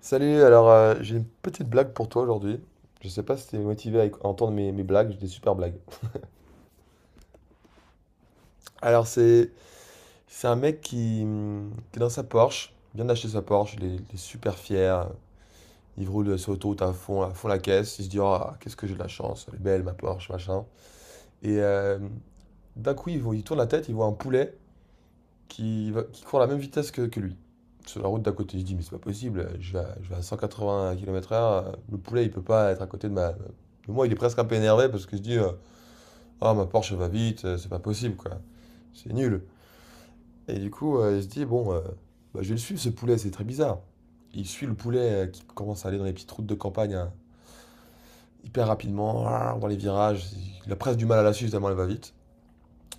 Salut, alors j'ai une petite blague pour toi aujourd'hui. Je sais pas si t'es motivé à entendre mes blagues, j'ai des super blagues. Alors c'est un mec qui est dans sa Porsche, vient d'acheter sa Porsche, il est super fier, il roule sur l'autoroute à fond la caisse, il se dit ah qu'est-ce que j'ai de la chance, elle est belle ma Porsche, machin. Et euh, D'un coup il, il tourne la tête, il voit un poulet qui, qui court à la même vitesse que lui. Sur la route d'à côté, je dis, mais c'est pas possible, je vais à 180 km/h, le poulet il peut pas être à côté de ma. De moi, il est presque un peu énervé parce que je dis, ah, ma Porsche elle va vite, c'est pas possible quoi, c'est nul. Et du coup, il se dit, bon, bah, je vais le suivre ce poulet, c'est très bizarre. Il suit le poulet qui commence à aller dans les petites routes de campagne, hein, hyper rapidement, dans les virages, il a presque du mal à la suivre tellement elle va vite.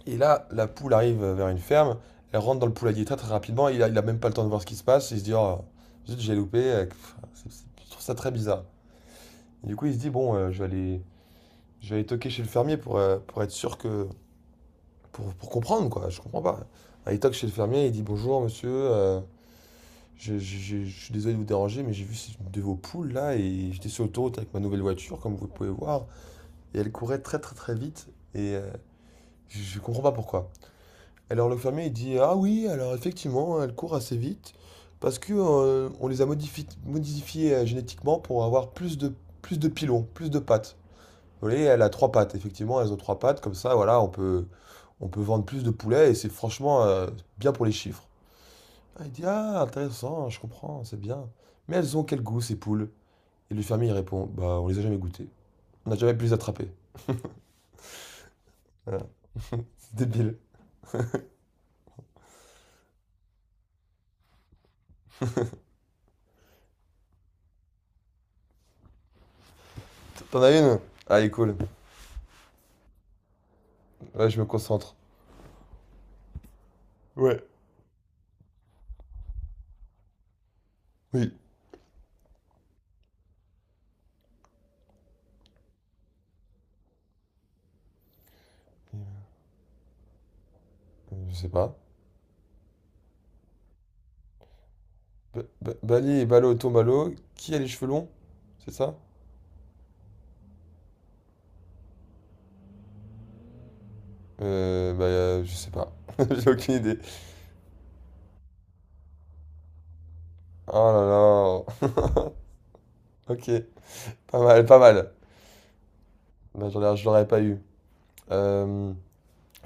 Et là, la poule arrive vers une ferme, elle rentre dans le poulailler très très rapidement, il a même pas le temps de voir ce qui se passe, il se dit oh, zut, j'ai loupé, je trouve ça très bizarre. Et du coup, il se dit bon, je vais aller toquer chez le fermier pour être sûr que. Pour comprendre quoi, je comprends pas. Ah, il toque chez le fermier, il dit bonjour monsieur, je suis désolé de vous déranger, mais j'ai vu une de vos poules là, et j'étais sur l'autoroute avec ma nouvelle voiture, comme vous pouvez voir, et elle courait très très très vite, et je comprends pas pourquoi. Alors le fermier il dit ah oui alors effectivement elles courent assez vite parce que on les a modifiées génétiquement pour avoir plus de pilons, plus de pattes. Vous voyez, elle a trois pattes, effectivement, elles ont trois pattes, comme ça voilà, on peut vendre plus de poulets et c'est franchement bien pour les chiffres. Ah, il dit ah intéressant, je comprends, c'est bien. Mais elles ont quel goût, ces poules? Et le fermier il répond bah on les a jamais goûtées. On n'a jamais pu les attraper. Voilà. C'est débile. T'en as une? Ah, elle est cool. Ouais, je me concentre. Ouais. Oui. Je sais pas. Bali et Balo Tombalo, qui a les cheveux longs? C'est ça? Bah, je sais pas. J'ai aucune idée. Oh là là. Ok, pas mal, pas mal. Bah, je l'aurais pas eu. Euh,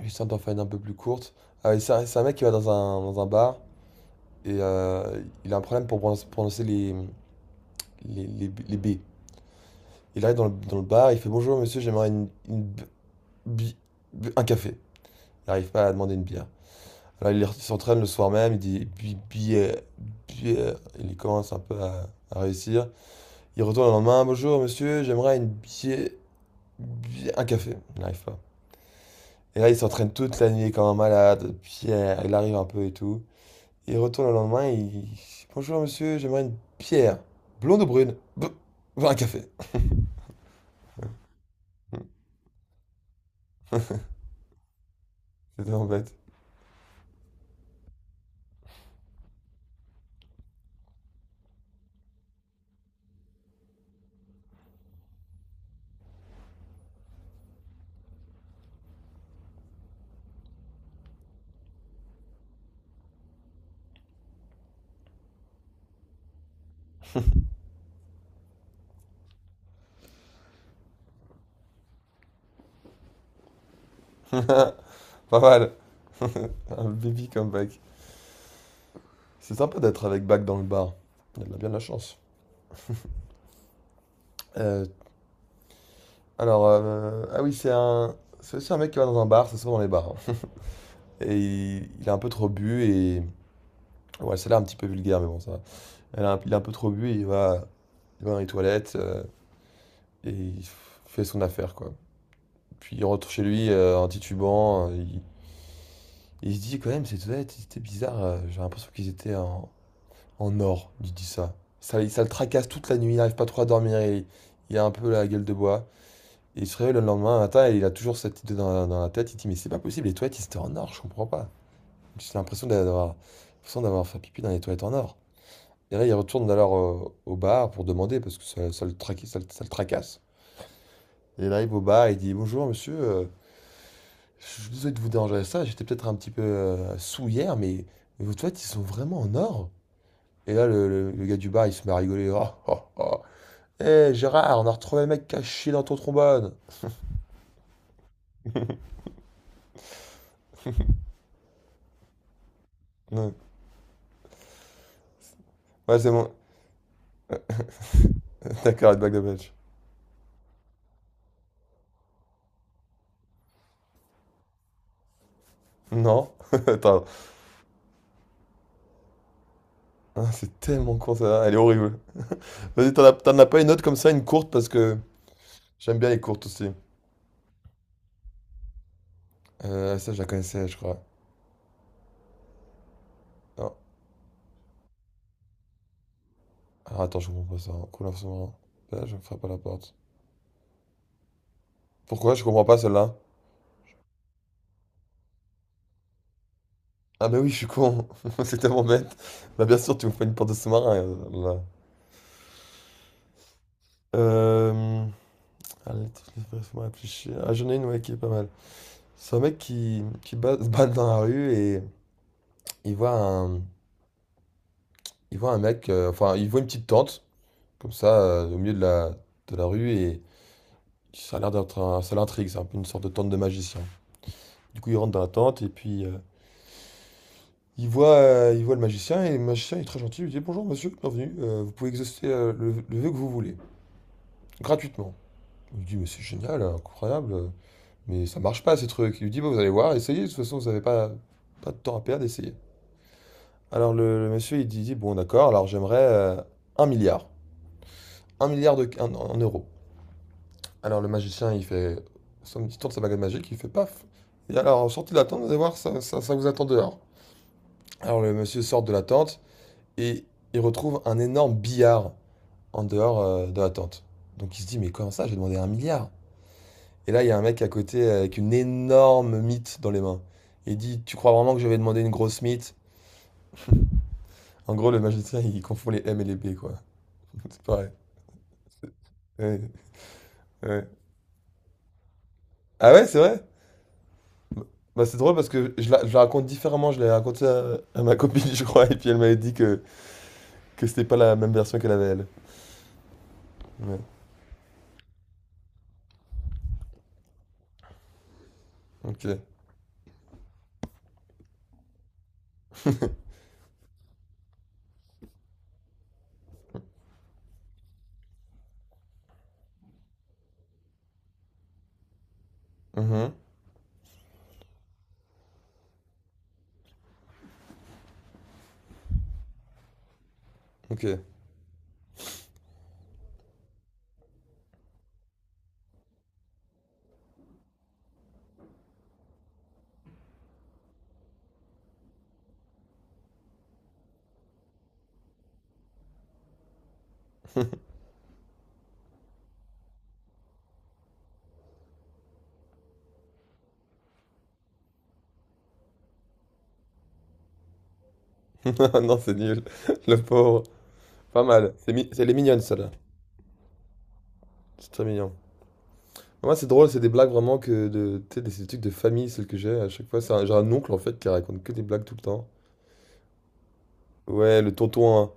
J'essaie d'en faire une un peu plus courte. Ah oui, c'est un mec qui va dans dans un bar et il a un problème pour prononcer les B. Il arrive dans dans le bar, il fait bonjour monsieur, j'aimerais une b- bi- bi- un café. Il n'arrive pas à demander une bière. Alors, il s'entraîne le soir même, il dit, euh, il commence un peu à réussir. Il retourne le lendemain, bonjour monsieur, j'aimerais une bière, un café. Il n'arrive pas. Et là, il s'entraîne toute la nuit comme un malade, pierre, il arrive un peu et tout. Il retourne le lendemain, bonjour monsieur, j'aimerais une bière, blonde ou brune, bah, un café. C'est tellement bête. Pas mal. Un baby comeback. C'est sympa d'être avec Bach dans le bar. Il a bien de la chance. Euh, Alors, ah oui, c'est aussi un mec qui va dans un bar, c'est souvent dans les bars, hein. Et il a un peu trop bu et. Ouais, celle-là est un petit peu vulgaire, mais bon, ça va. Il a un peu trop bu et il va dans les toilettes, et il fait son affaire, quoi. Puis il rentre chez lui en titubant. Il se dit, quand même, ces toilettes, c'était bizarre. J'ai l'impression qu'ils étaient en or, il dit ça. Ça le tracasse toute la nuit, il n'arrive pas trop à dormir, il a un peu la gueule de bois. Et il se réveille le lendemain matin et il a toujours cette idée dans dans la tête. Il dit, mais c'est pas possible, les toilettes, c'était en or, je comprends pas. J'ai l'impression d'avoir fait pipi dans les toilettes en or. Et là, il retourne alors au bar pour demander parce que ça le traque- ça le tracasse. Et là, il va au bar, il dit, bonjour monsieur, je suis désolé de vous déranger à ça, j'étais peut-être un petit peu sous hier, mais vos toilettes, ils sont vraiment en or. Et là, le gars du bar, il se met à rigoler. Oh, oh, oh. Hé, Gérard, on a retrouvé le mec caché dans ton trombone. Ouais, ouais, c'est bon. D'accord, la blague de mec. Non, attends. Ah, c'est tellement con ça, elle est horrible. Vas-y, t'en as pas une autre comme ça, une courte, parce que j'aime bien les courtes aussi. Ça, je la connaissais, je crois. Non. Ah, attends, je comprends pas ça. Couleur sombre. Là, je me frappe à la porte. Pourquoi je comprends pas celle-là? Ah, mais oui, je suis con. C'est tellement bête. Bah, bien sûr, tu me fais une porte de sous-marin, là. Euh... Allez, laisse-moi réfléchir. Ah, j'en ai une, ouais, qui est pas mal. C'est un mec qui se bat dans la rue et il voit un, il voit un mec, enfin, il voit une petite tente, comme ça au milieu de de la rue et ça l'intrigue, c'est un peu une sorte de tente de magicien. Du coup, il rentre dans la tente et puis il voit le magicien et le magicien il est très gentil, il lui dit bonjour monsieur, bienvenue, vous pouvez exaucer le vœu que vous voulez, gratuitement. Il lui dit mais c'est génial, incroyable, mais ça marche pas ces trucs. Il lui dit bon vous allez voir, essayez, de toute façon vous avez pas de temps à perdre, essayez. Alors le monsieur il dit, bon d'accord, alors j'aimerais un milliard, un milliard en euros. Alors le magicien, il fait somme il tourne sa baguette magique, il fait paf. Et alors sortez de la tente, vous allez voir, ça vous attend dehors. Alors le monsieur sort de la tente et il retrouve un énorme billard en dehors de la tente. Donc il se dit mais comment ça, j'ai demandé un milliard. Et là il y a un mec à côté avec une énorme mythe dans les mains. Il dit tu crois vraiment que je vais demander une grosse mythe? En gros le magicien il confond les M et les B, quoi. C'est pareil. Ouais, ouais. Ah ouais, c'est vrai? Bah, c'est drôle parce que je la raconte différemment. Je l'ai raconté à ma copine, je crois, et puis elle m'avait dit que c'était pas la même version qu'elle avait elle. Ouais. Ok. Mhm. Ok. Non, c'est nul. Le pauvre. Pas mal. Elle est mignonne, celle-là. C'est très mignon. Moi, c'est drôle, c'est des blagues vraiment que de. Tu sais, des trucs de famille, celles que j'ai. À chaque fois, j'ai un oncle en fait qui raconte que des blagues tout le temps. Ouais, le tonton, hein.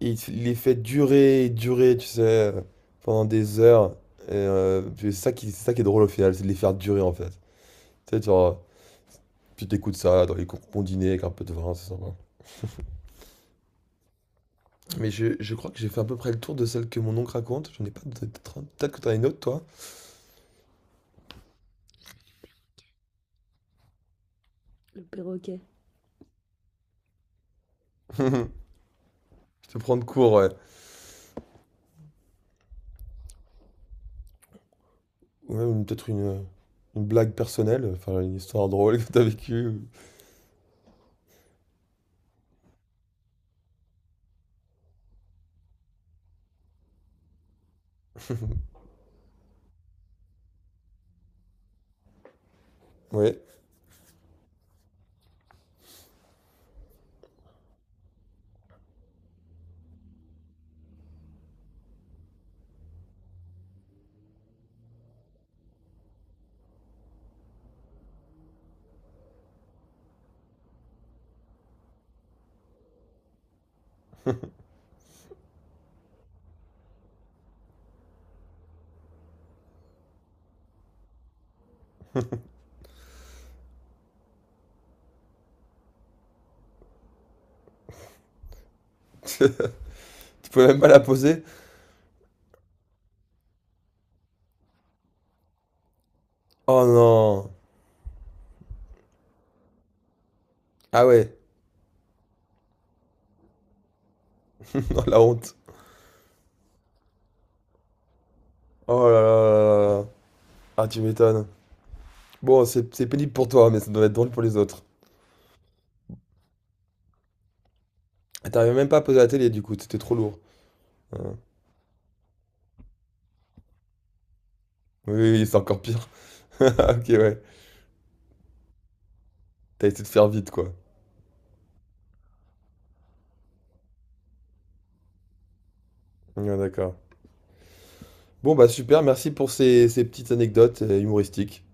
Il les fait durer et durer, tu sais, euh, pendant des heures. Et, c'est ça qui est drôle au final, c'est de les faire durer en fait. Tu sais, genre, tu t'écoutes ça dans les cours combinés avec un peu de vin, c'est sympa. Mais je crois que j'ai fait à peu près le tour de celle que mon oncle raconte. J'en ai pas. Peut-être que t'en as une autre, toi. Le perroquet. Je te prends de cours, ouais. Peut-être une blague personnelle, enfin une histoire drôle que t'as vécue. Ouais. Tu peux même pas la poser. Oh non. Ah ouais. Oh, la honte. Oh là là là là là. Ah, tu m'étonnes. Bon, c'est pénible pour toi, mais ça doit être drôle pour les autres. Et t'arrivais même pas à poser la télé, du coup, c'était trop lourd. Ouais. Oui, oui, c'est encore pire. Ok, ouais. T'as essayé de faire vite, quoi. Ouais, d'accord. Bon, bah super, merci pour ces petites anecdotes humoristiques.